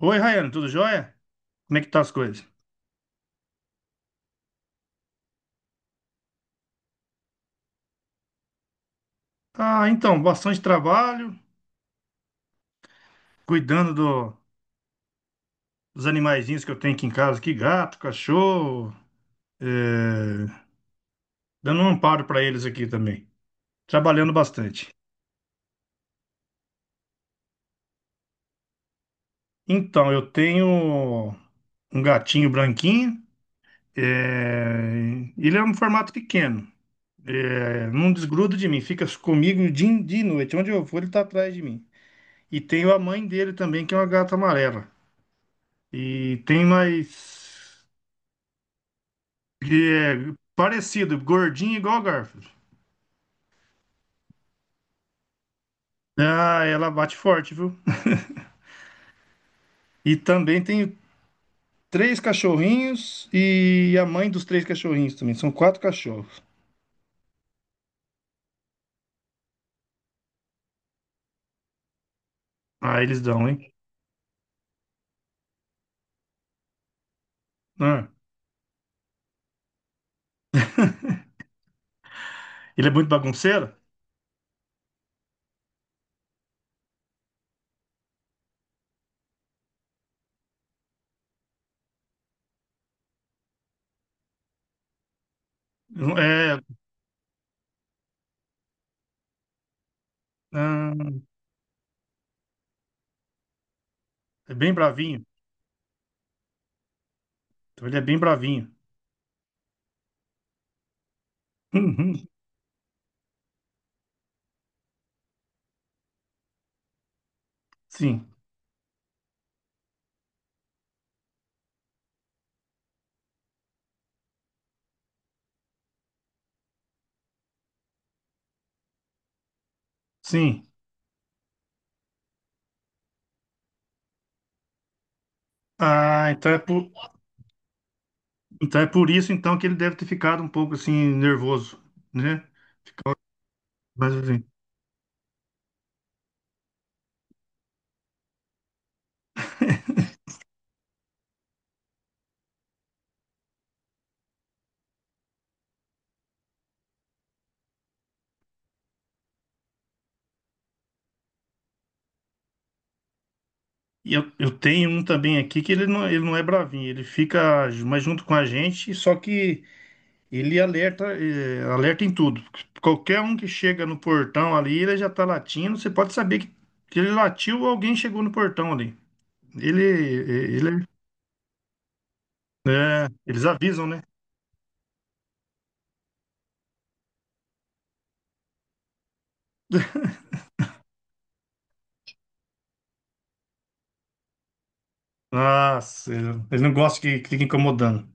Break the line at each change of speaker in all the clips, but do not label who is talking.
Oi, Raiane, tudo jóia? Como é que tá as coisas? Ah, então, bastante trabalho, cuidando dos animaizinhos que eu tenho aqui em casa, aqui, gato, cachorro, é, dando um amparo para eles aqui também, trabalhando bastante. Então, eu tenho um gatinho branquinho, ele é um formato pequeno, não desgruda de mim, fica comigo dia e dia e noite, onde eu vou ele tá atrás de mim. E tenho a mãe dele também, que é uma gata amarela. E tem mais. Que é parecido, gordinho igual a Garfield. Ah, ela bate forte, viu? E também tem três cachorrinhos e a mãe dos três cachorrinhos também. São quatro cachorros. Ah, eles dão, hein? Ah, ele é muito bagunceiro? Não, é, ah, é bem bravinho. Então ele é bem bravinho. Uhum. Sim, sim. Ah, então é por isso então que ele deve ter ficado um pouco assim nervoso, né? Ficou mais assim. E eu tenho um também aqui que ele não é bravinho, ele fica mais junto com a gente, só que ele alerta, alerta em tudo. Qualquer um que chega no portão ali, ele já tá latindo, você pode saber que ele latiu ou alguém chegou no portão ali. Ele, eh, ele, é, eles avisam, né? Nossa, eles não gostam que fique incomodando.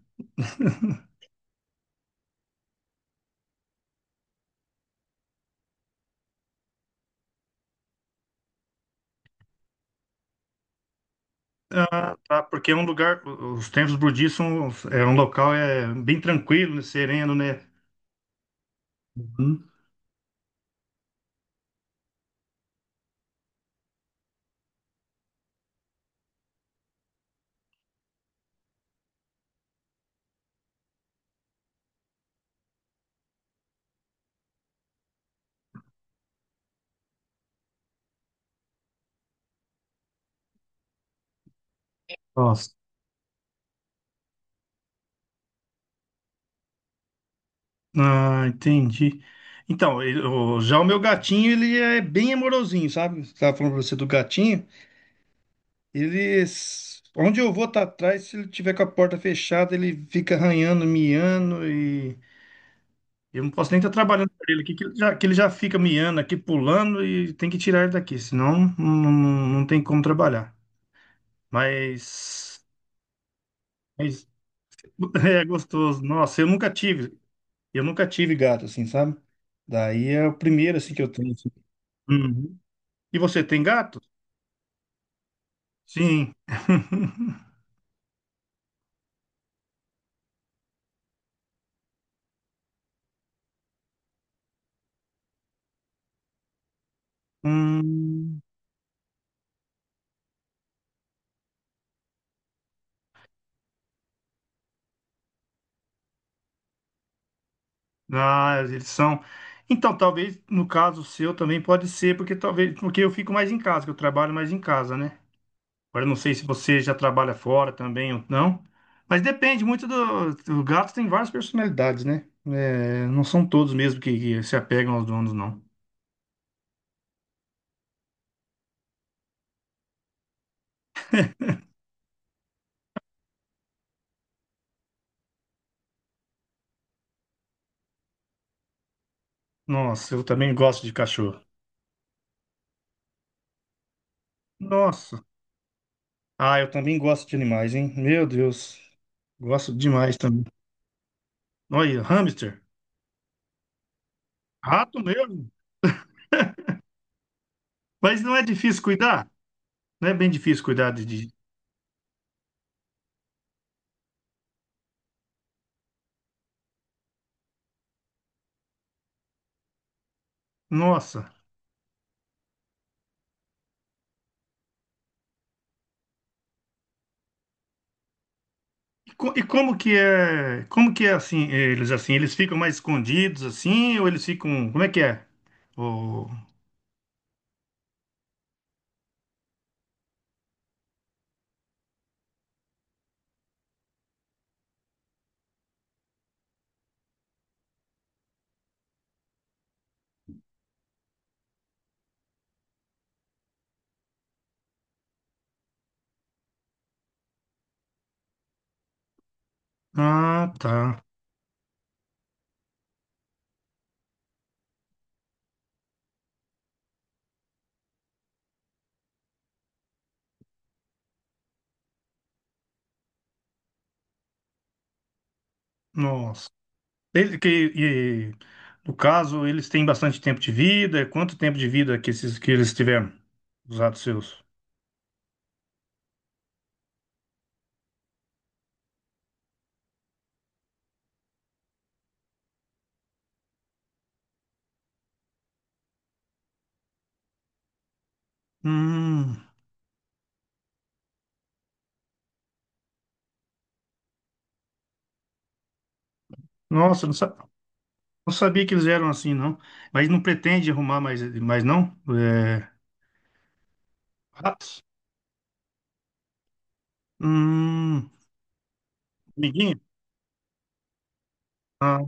Tá, porque é um lugar, os templos budistas são, é um local é, bem tranquilo, né, sereno, né? Hum. Nossa. Ah, entendi. Então, já o meu gatinho, ele é bem amorosinho, sabe? Estava falando pra você do gatinho. Ele, onde eu vou tá atrás, se ele tiver com a porta fechada, ele fica arranhando, miando e eu não posso nem estar trabalhando para ele aqui, que ele já fica miando aqui, pulando e tem que tirar ele daqui, senão não tem como trabalhar. Mas, mas é gostoso. Nossa, eu nunca tive gato assim, sabe? Daí é o primeiro assim que eu tenho. Assim. E você tem gato? Sim. Hum, ah, eles são. Então, talvez no caso seu também pode ser, porque talvez porque eu fico mais em casa, que eu trabalho mais em casa, né? Agora eu não sei se você já trabalha fora também ou não, mas depende muito do. O gato tem várias personalidades, né? É, não são todos mesmo que se apegam aos donos, não. Nossa, eu também gosto de cachorro. Nossa. Ah, eu também gosto de animais, hein? Meu Deus. Gosto demais também. Olha, hamster. Rato mesmo? Mas não é difícil cuidar? Não é bem difícil cuidar de. Nossa. E, e como que é assim, eles ficam mais escondidos assim ou eles ficam, como é que é? Oh. Ah, tá. Nossa. Ele- que, e, no caso, eles têm bastante tempo de vida. Quanto tempo de vida que esses que eles tiveram? Os ratos seus? Hum. Nossa, não sabia que eles eram assim, não. Mas não pretende arrumar mais não? É, ratos? Hum, amiguinho? Ah,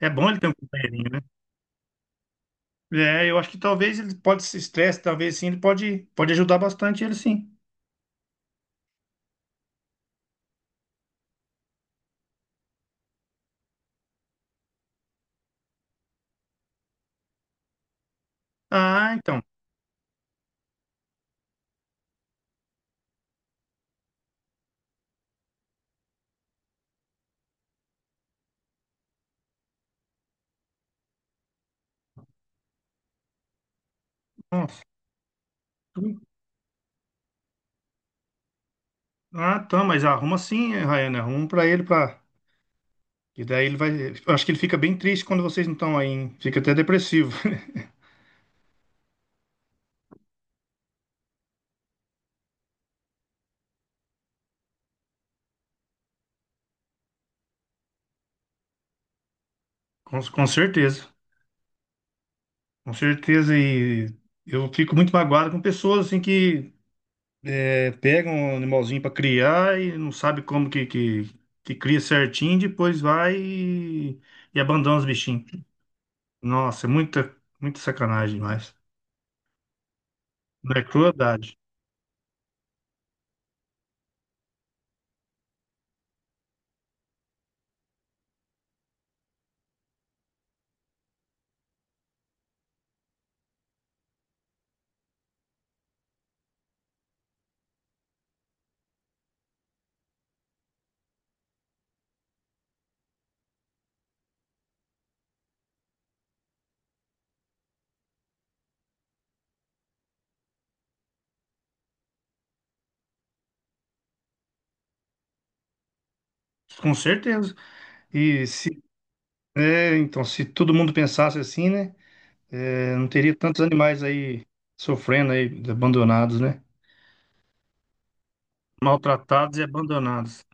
é bom ele ter um companheirinho, né? É, eu acho que talvez ele pode se estresse, talvez sim, pode ajudar bastante ele sim. Ah, então. Nossa. tu- Ah, tá, mas arruma sim, eh, Rayane, arruma pra ele, pra... E daí ele vai... eu acho que ele fica bem triste quando vocês não estão aí, hein? Fica até depressivo. Com certeza. Com certeza, e eu fico muito magoado com pessoas assim que... É, pega um animalzinho para criar e não sabe que cria certinho, depois e abandona os bichinhos. Nossa, é muita sacanagem demais. Não é crueldade. Com certeza. E se, é, então, se todo mundo pensasse assim, né? É, não teria tantos animais aí sofrendo aí, abandonados, né? Maltratados e abandonados.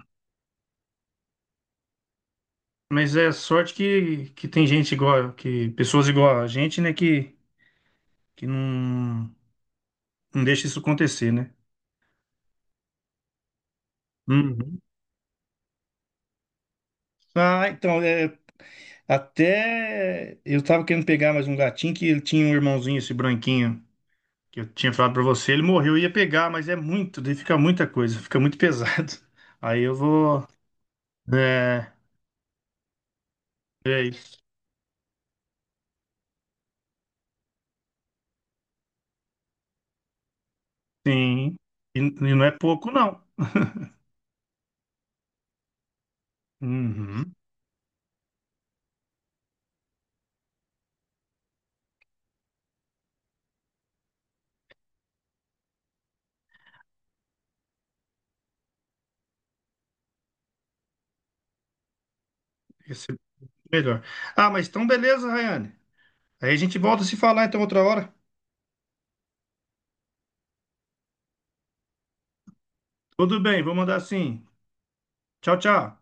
Mas é sorte que tem gente igual, que pessoas igual a gente, né? Que não, não deixa isso acontecer, né? Uhum. Ah, então, é, até eu tava querendo pegar mais um gatinho que ele tinha um irmãozinho, esse branquinho, que eu tinha falado pra você, ele morreu, eu ia pegar, mas é muito, daí fica muita coisa, fica muito pesado. Aí eu vou. É, é isso. Sim. E não é pouco, não. Uhum. Esse é melhor. Ah, mas então beleza, Rayane. Aí a gente volta a se falar então outra hora. Tudo bem, vou mandar assim. Tchau, tchau.